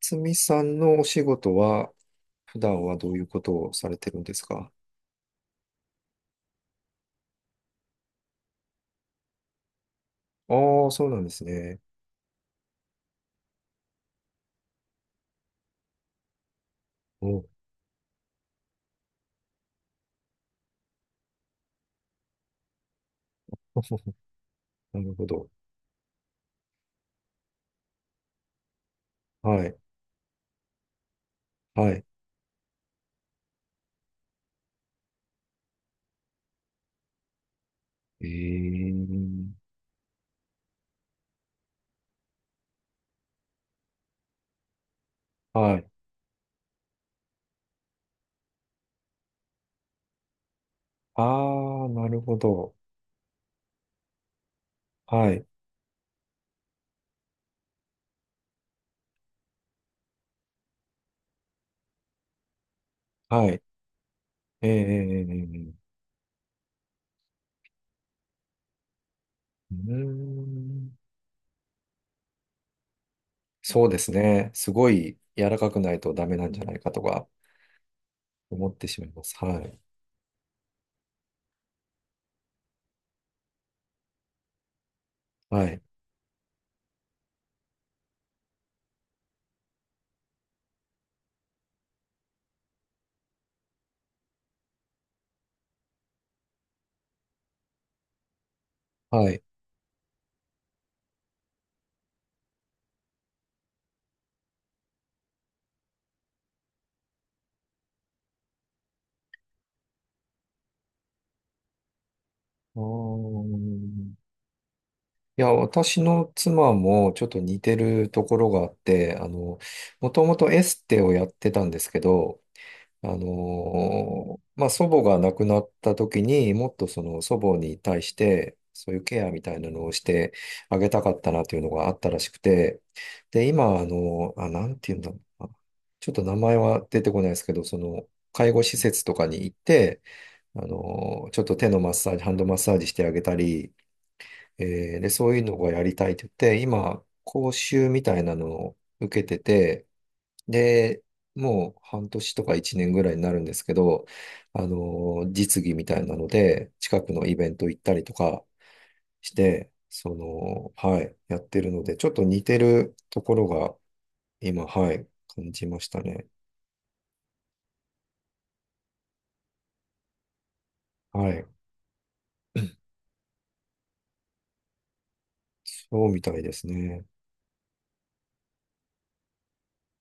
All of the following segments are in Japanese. つみさんのお仕事は、普段はどういうことをされてるんですか？ああ、そうなんですね。お、なるほど。はい、はい。ええ、はい。ああ、なるほど。はい、はい。ええ、ええ、ええ。うーん。そうですね。すごい柔らかくないとダメなんじゃないかとか思ってしまいます。はい、はい、はい。ああ、いや、私の妻もちょっと似てるところがあって、もともとエステをやってたんですけど、まあ、祖母が亡くなった時にもっとその祖母に対して、そういうケアみたいなのをしてあげたかったなというのがあったらしくて、で、今、あ、なんていうんだろうな。ちょっと名前は出てこないですけど、その、介護施設とかに行って、ちょっと手のマッサージ、ハンドマッサージしてあげたり、で、そういうのがやりたいって言って、今、講習みたいなのを受けてて、で、もう半年とか一年ぐらいになるんですけど、実技みたいなので、近くのイベント行ったりとかして、その、はい、やってるので、ちょっと似てるところが今、はい、感じましたね。はい。そうみたいですね。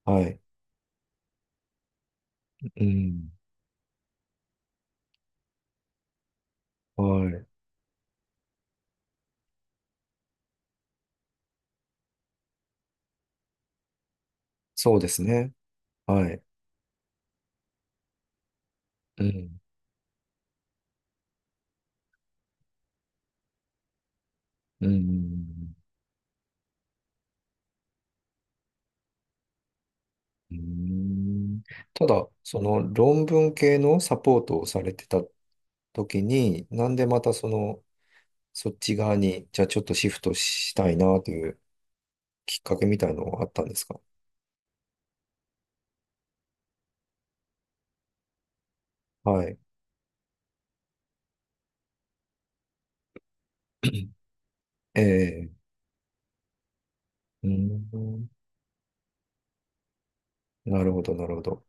はい。うん。はい。そうですね。はい。うん。うん。うーんただ、その論文系のサポートをされてた時に、なんでまたその、そっち側に、じゃあちょっとシフトしたいなというきっかけみたいのはあったんですか？はい。ええ、うーん。なるほど、なるほど。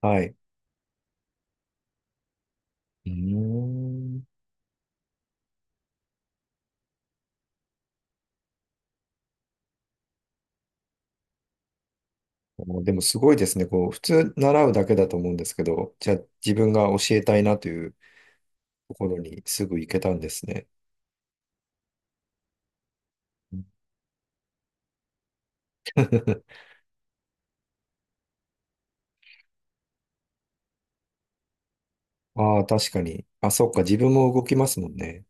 はい。うーん。お、でもすごいですね。こう、普通習うだけだと思うんですけど、じゃあ自分が教えたいなというところにすぐ行けたんですね。ああ、確かに。あ、そっか、自分も動きますもんね。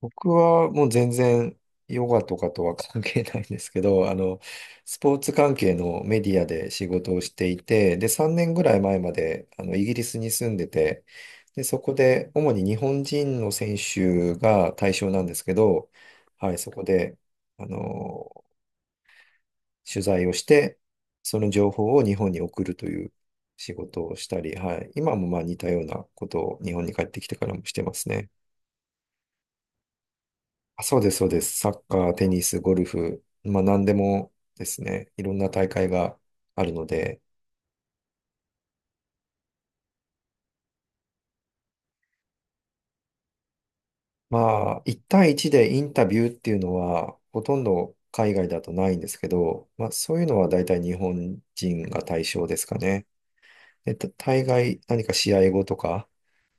僕はもう全然ヨガとかとは関係ないんですけど、スポーツ関係のメディアで仕事をしていて、で、3年ぐらい前までイギリスに住んでて、で、そこで主に日本人の選手が対象なんですけど、はい、そこで、あの、取材をして、その情報を日本に送るという仕事をしたり、はい、今もまあ似たようなことを日本に帰ってきてからもしてますね。あ、そうです、そうです。サッカー、テニス、ゴルフ、まあ何でもですね、いろんな大会があるので、まあ1対1でインタビューっていうのはほとんど海外だとないんですけど、まあそういうのは大体日本人が対象ですかね。で、大概何か試合後とか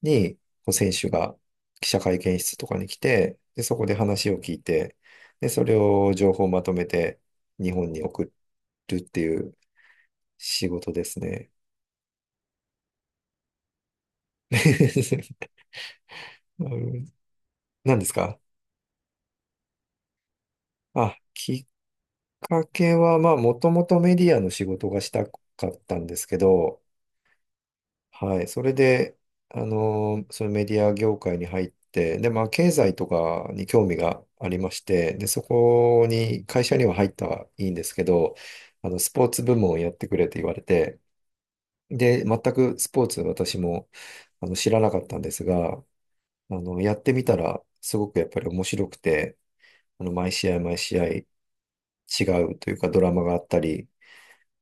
に、こう選手が記者会見室とかに来て、で、そこで話を聞いて、で、それを情報をまとめて日本に送るっていう仕事ですね。うん。何ですか？あ、きっかけは、まあ、もともとメディアの仕事がしたかったんですけど、はい、それで、そのメディア業界に入って、で、まあ、経済とかに興味がありまして、で、そこに、会社には入ったはいいんですけど、スポーツ部門をやってくれって言われて、で、全くスポーツ私も、知らなかったんですが、やってみたら、すごくやっぱり面白くて、毎試合毎試合違うというかドラマがあったり、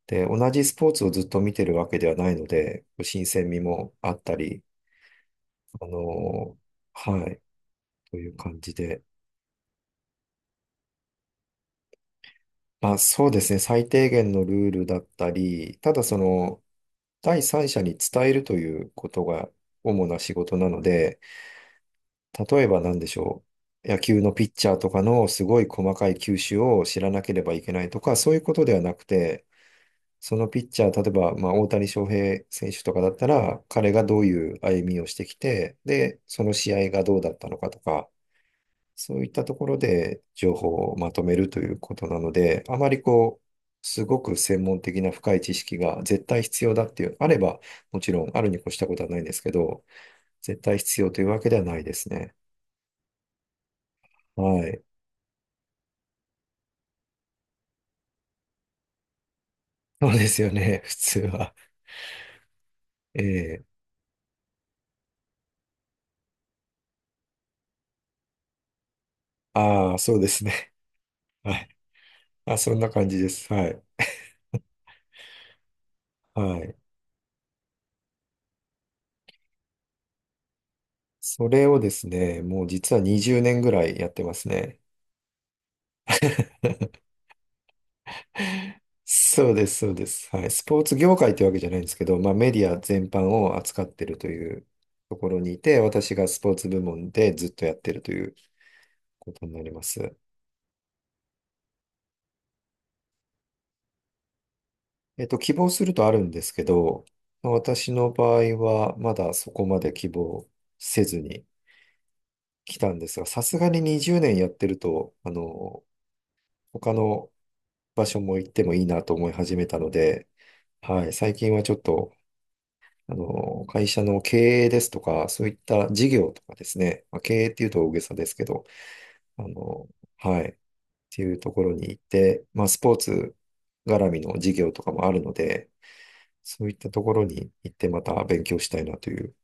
で、同じスポーツをずっと見てるわけではないので、新鮮味もあったり、あのはい、という感じで。まあそうですね、最低限のルールだったり、ただその、第三者に伝えるということが主な仕事なので、例えば何でしょう。野球のピッチャーとかのすごい細かい球種を知らなければいけないとか、そういうことではなくて、そのピッチャー、例えば、まあ、大谷翔平選手とかだったら、彼がどういう歩みをしてきて、で、その試合がどうだったのかとか、そういったところで情報をまとめるということなので、あまりこう、すごく専門的な深い知識が絶対必要だっていう、あれば、もちろんあるに越したことはないんですけど、絶対必要というわけではないですね。はい。そうですよね、普通は。ええ、ああ、そうですね。はい。あ、そんな感じです。はい。はい。それをですね、もう実は20年ぐらいやってますね。そうです、そうです。はい。スポーツ業界ってわけじゃないんですけど、まあメディア全般を扱ってるというところにいて、私がスポーツ部門でずっとやってるということになります。希望するとあるんですけど、まあ私の場合はまだそこまで希望せずに来たんですが、さすがに20年やってると、他の場所も行ってもいいなと思い始めたので、はい、最近はちょっと会社の経営ですとか、そういった事業とかですね、まあ、経営っていうと大げさですけど、あの、はい、っていうところに行って、まあ、スポーツ絡みの事業とかもあるので、そういったところに行ってまた勉強したいなという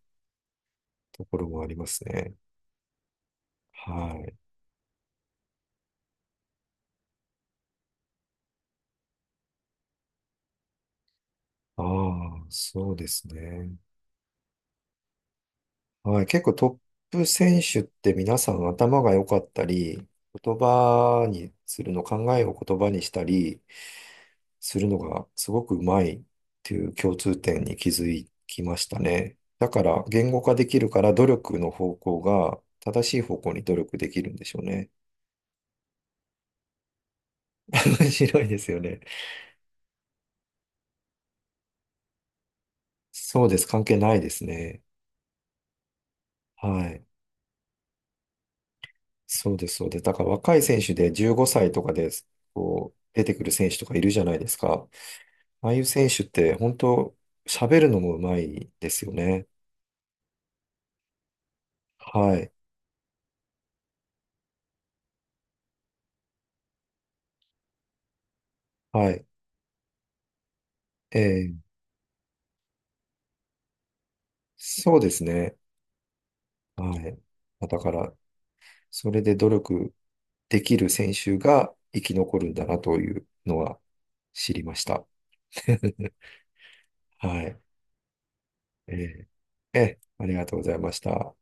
ところもありますね。はい。ああ、そうですね。はい。結構トップ選手って皆さん頭が良かったり、言葉にするの、考えを言葉にしたり、するのがすごくうまいっていう共通点に気づきましたね。だから言語化できるから努力の方向が正しい方向に努力できるんでしょうね。面白いですよね。そうです。関係ないですね。はい。そうです、そうです。だから若い選手で15歳とかでこう出てくる選手とかいるじゃないですか。ああいう選手って本当喋るのもうまいですよね。はい。はい。えーそうですね。はい。だから、それで努力できる選手が生き残るんだなというのは知りました。はい。えありがとうございました。